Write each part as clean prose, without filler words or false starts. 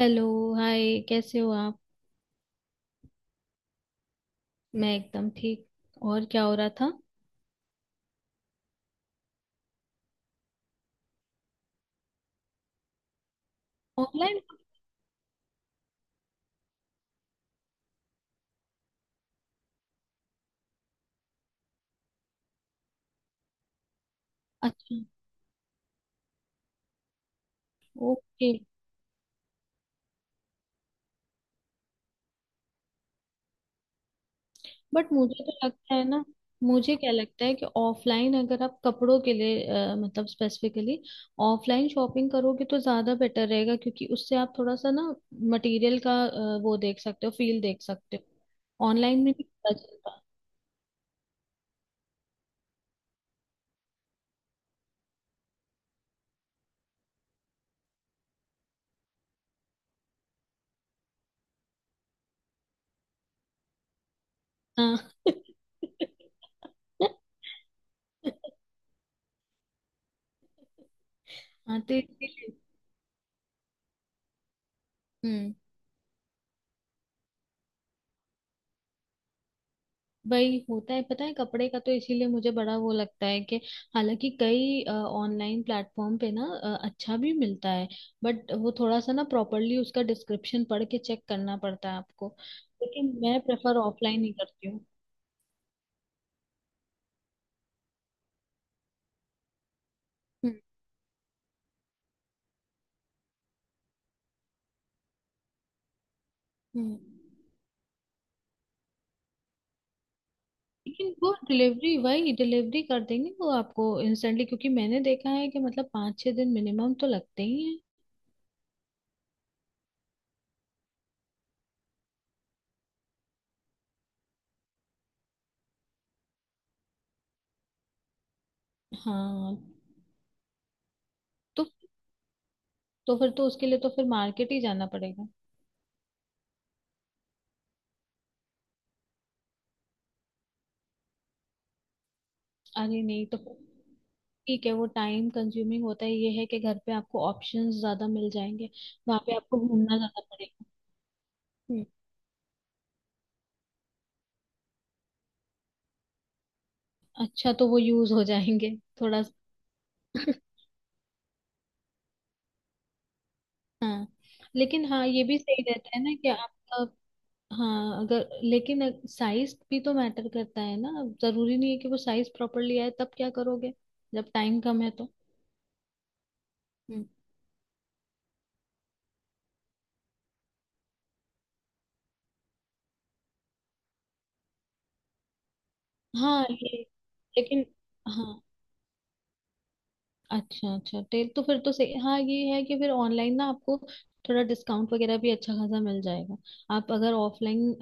Hello. Hi, कैसे हो आप? मैं एकदम ठीक। और क्या हो रहा था? ऑनलाइन? अच्छा। ओके। बट मुझे तो लगता है ना, मुझे क्या लगता है कि ऑफलाइन अगर आप कपड़ों के लिए मतलब स्पेसिफिकली ऑफलाइन शॉपिंग करोगे तो ज़्यादा बेटर रहेगा क्योंकि उससे आप थोड़ा सा ना मटेरियल का वो देख सकते हो, फील देख सकते हो, ऑनलाइन में नहीं पता चलता। हाँ। हाँ। हम्म। वही होता है, पता है कपड़े का, तो इसीलिए मुझे बड़ा वो लगता है कि हालांकि कई ऑनलाइन प्लेटफॉर्म पे ना अच्छा भी मिलता है, बट वो थोड़ा सा ना प्रॉपरली उसका डिस्क्रिप्शन पढ़ के चेक करना पड़ता है आपको। लेकिन मैं प्रेफर ऑफलाइन ही करती हूँ। हम्म। हम्म। लेकिन वो डिलीवरी वही डिलीवरी कर देंगे वो आपको इंस्टेंटली, क्योंकि मैंने देखा है कि मतलब 5-6 दिन मिनिमम तो लगते ही हैं। हाँ। तो तो फिर तो उसके लिए तो फिर मार्केट ही जाना पड़ेगा। अरे नहीं तो। ठीक है, वो टाइम कंज्यूमिंग होता है, ये है कि घर पे आपको ऑप्शंस ज्यादा मिल जाएंगे, वहां पे आपको घूमना ज्यादा पड़ेगा। हम्म। अच्छा, तो वो यूज हो जाएंगे, थोड़ा सा। हाँ, लेकिन हाँ ये भी सही रहता है ना कि आपका, हाँ अगर लेकिन साइज भी तो मैटर करता है ना। जरूरी नहीं है कि वो साइज प्रॉपरली आए, तब क्या करोगे जब टाइम कम है तो। हम्म। हाँ ये लेकिन हाँ, अच्छा अच्छा तेल तो फिर तो सही, हाँ ये है कि फिर ऑनलाइन ना आपको थोड़ा डिस्काउंट वगैरह भी अच्छा खासा मिल जाएगा। आप अगर ऑफलाइन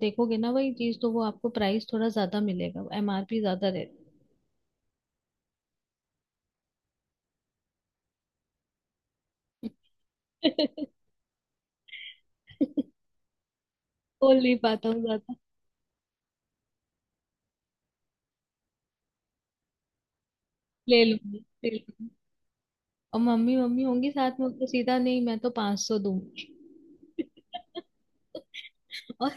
देखोगे ना वही चीज, तो वो आपको प्राइस थोड़ा ज्यादा मिलेगा, एमआरपी ज्यादा रहती। बोल नहीं पाता हूँ ज्यादा। ले लूंगी, ले लूंगी, और मम्मी मम्मी होंगी साथ में, तो सीधा नहीं मैं तो 500 दूंगी। और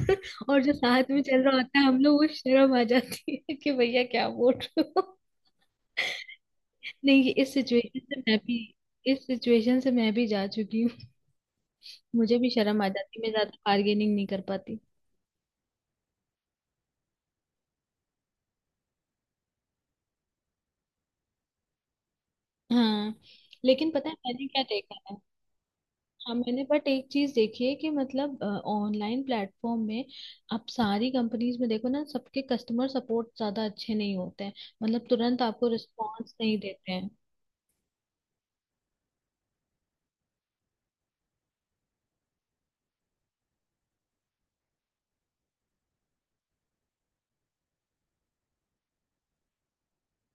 और जो साथ में चल रहा होता है हम लोग, वो शर्म आ जाती है कि भैया क्या बोल रहे हो। नहीं, ये इस सिचुएशन से मैं भी, इस सिचुएशन से मैं भी जा चुकी हूँ। मुझे भी शर्म आ जाती, मैं ज्यादा बार्गेनिंग नहीं कर पाती। हाँ, लेकिन पता है मैंने क्या देखा है? हाँ मैंने, बट एक चीज देखी है कि मतलब ऑनलाइन प्लेटफॉर्म में आप सारी कंपनीज में देखो ना, सबके कस्टमर सपोर्ट ज्यादा अच्छे नहीं होते हैं, मतलब तुरंत आपको रिस्पॉन्स नहीं देते हैं।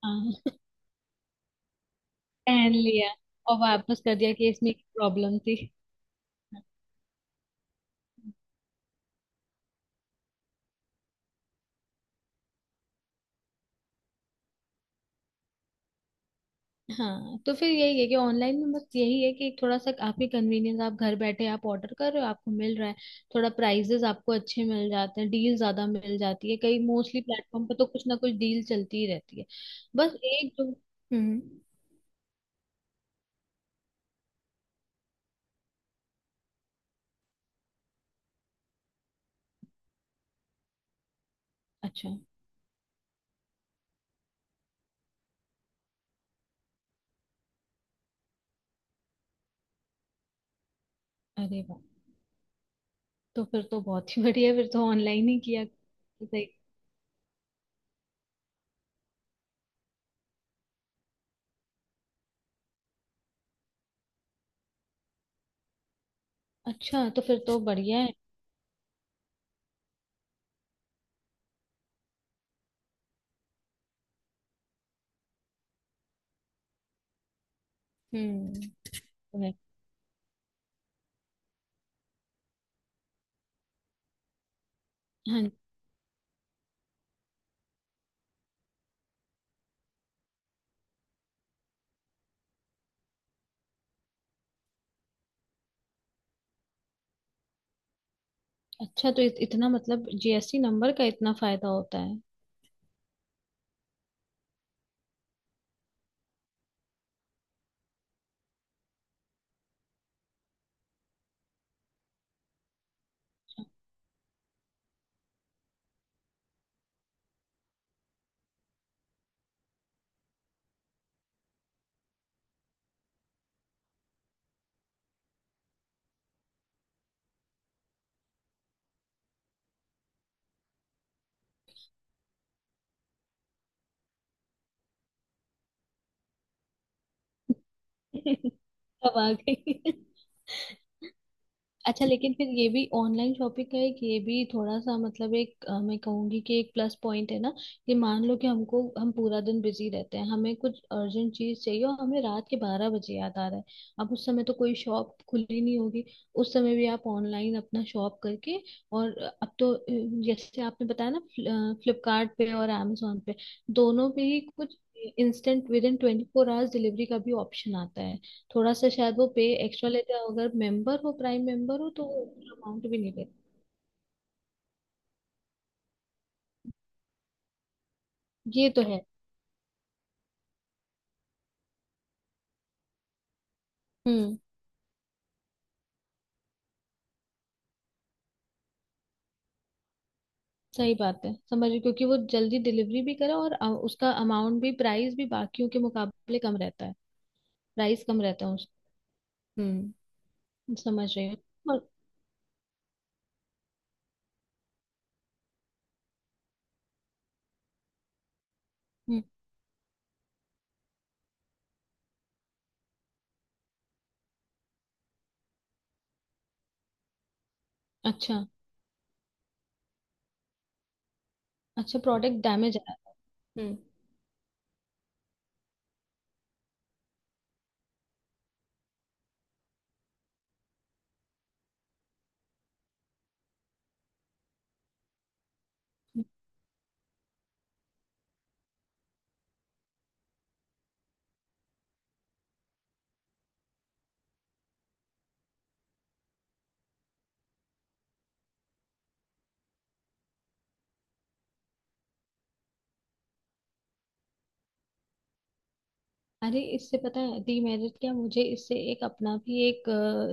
हाँ। पहन लिया और वापस कर दिया कि इसमें प्रॉब्लम थी। हाँ, तो फिर यही है कि ऑनलाइन में बस यही है कि थोड़ा सा आपकी कन्वीनियंस, आप घर बैठे आप ऑर्डर कर रहे हो, आपको मिल रहा है। थोड़ा प्राइजेस आपको अच्छे मिल जाते हैं, डील ज्यादा मिल जाती है, कई मोस्टली प्लेटफॉर्म पे तो कुछ ना कुछ डील चलती ही रहती है। बस एक जो हम्म, अच्छा। अरे वाह! तो फिर तो बहुत ही बढ़िया, फिर तो ऑनलाइन ही किया। सही। अच्छा, तो फिर तो बढ़िया है। हम्म। तो है। हाँ, अच्छा तो इतना मतलब जीएसटी नंबर का इतना फायदा होता है? अब आ गई। अच्छा लेकिन फिर ये भी ऑनलाइन शॉपिंग का एक, ये भी थोड़ा सा मतलब एक मैं कहूंगी कि एक प्लस पॉइंट है ना, कि मान लो कि हमको, हम पूरा दिन बिजी रहते हैं, हमें कुछ अर्जेंट चीज चाहिए और हमें रात के 12 बजे याद आ रहा है। अब उस समय तो कोई शॉप खुली नहीं होगी, उस समय भी आप ऑनलाइन अपना शॉप करके, और अब तो जैसे आपने बताया ना, फ्लिपकार्ट पे और amazon पे दोनों पे ही कुछ instant with in 24 hours delivery का भी ऑप्शन आता है। थोड़ा सा शायद वो पे एक्स्ट्रा लेते हैं, अगर मेंबर हो, प्राइम मेंबर हो, तो वो अमाउंट भी नहीं लेते। ये तो है। हम्म। सही बात है, समझ रही, क्योंकि वो जल्दी डिलीवरी भी करे और उसका अमाउंट भी, प्राइस भी बाकियों के मुकाबले कम रहता है, प्राइस कम रहता है उसका। हम्म। समझ रही हूँ। और- हम्म। अच्छा, अच्छा प्रोडक्ट डैमेज आया? हम्म। अरे इससे पता है डीमेरिट क्या, मुझे इससे एक अपना भी एक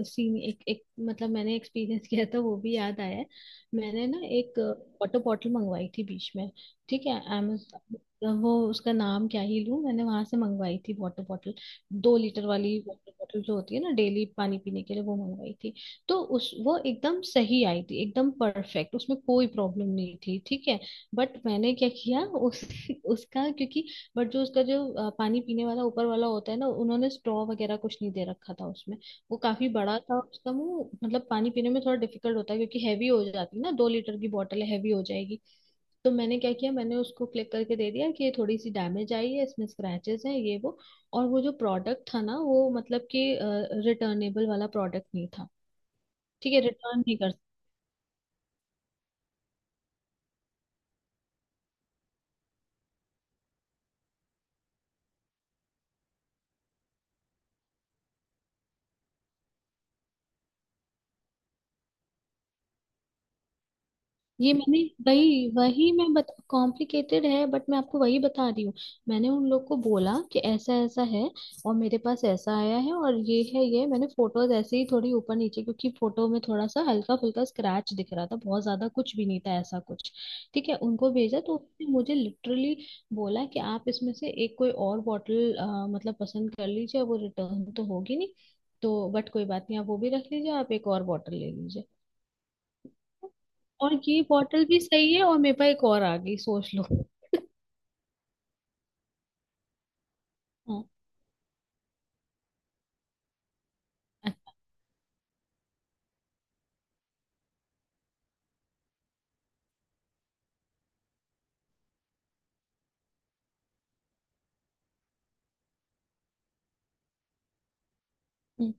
सीन, एक एक मतलब मैंने एक्सपीरियंस किया था वो भी याद आया है। मैंने ना एक वाटर बॉटल मंगवाई थी बीच में, ठीक है अमेजोन, वो उसका नाम क्या ही लूं, मैंने वहां से मंगवाई थी वाटर बॉटल, 2 लीटर वाली वाटर बॉटल जो होती है ना डेली पानी पीने के लिए, वो मंगवाई थी। तो उस वो एकदम सही आई थी, एकदम परफेक्ट, उसमें कोई प्रॉब्लम नहीं थी, ठीक है। बट मैंने क्या किया उस उसका, क्योंकि बट जो उसका जो पानी पीने वाला ऊपर वाला होता है ना, उन्होंने स्ट्रॉ वगैरह कुछ नहीं दे रखा था उसमें। वो काफी बड़ा था उसका मुंह, मतलब पानी पीने में थोड़ा डिफिकल्ट होता है क्योंकि हैवी हो जाती है ना, 2 लीटर की बॉटल है हैवी हो जाएगी। तो मैंने क्या किया, मैंने उसको क्लिक करके दे दिया कि ये थोड़ी सी डैमेज आई है, इसमें स्क्रैचेस हैं, ये वो, और वो जो प्रोडक्ट था ना वो मतलब कि रिटर्नेबल वाला प्रोडक्ट नहीं था। ठीक है, रिटर्न नहीं कर, ये मैंने, वही वही मैं बता, कॉम्प्लिकेटेड है बट मैं आपको वही बता रही हूँ। मैंने उन लोग को बोला कि ऐसा ऐसा है, और मेरे पास ऐसा आया है, और ये है, ये मैंने फोटोज ऐसे ही थोड़ी ऊपर नीचे, क्योंकि फोटो में थोड़ा सा हल्का फुल्का स्क्रैच दिख रहा था, बहुत ज्यादा कुछ भी नहीं था ऐसा कुछ। ठीक है उनको भेजा, तो उसने मुझे लिटरली बोला कि आप इसमें से एक कोई और बॉटल मतलब पसंद कर लीजिए, वो रिटर्न तो होगी नहीं, तो बट कोई बात नहीं, आप वो भी रख लीजिए, आप एक और बॉटल ले लीजिए। और ये बॉटल भी सही है और मेरे पास एक और आ गई, सोच लो। हाँ। अच्छा।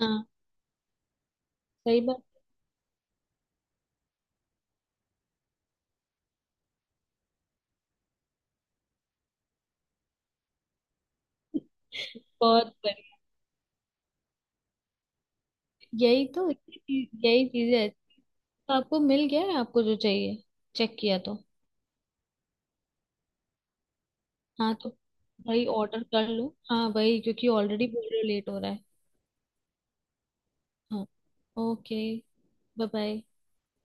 हाँ सही बात। बहुत बढ़िया। यही तो यही चीजें हैं। तो आपको मिल गया है आपको जो चाहिए? चेक किया तो? हाँ। तो भाई ऑर्डर कर लो, हाँ भाई, क्योंकि ऑलरेडी बोल रहे हो लेट हो रहा है। हाँ। ओके। Bye, bye.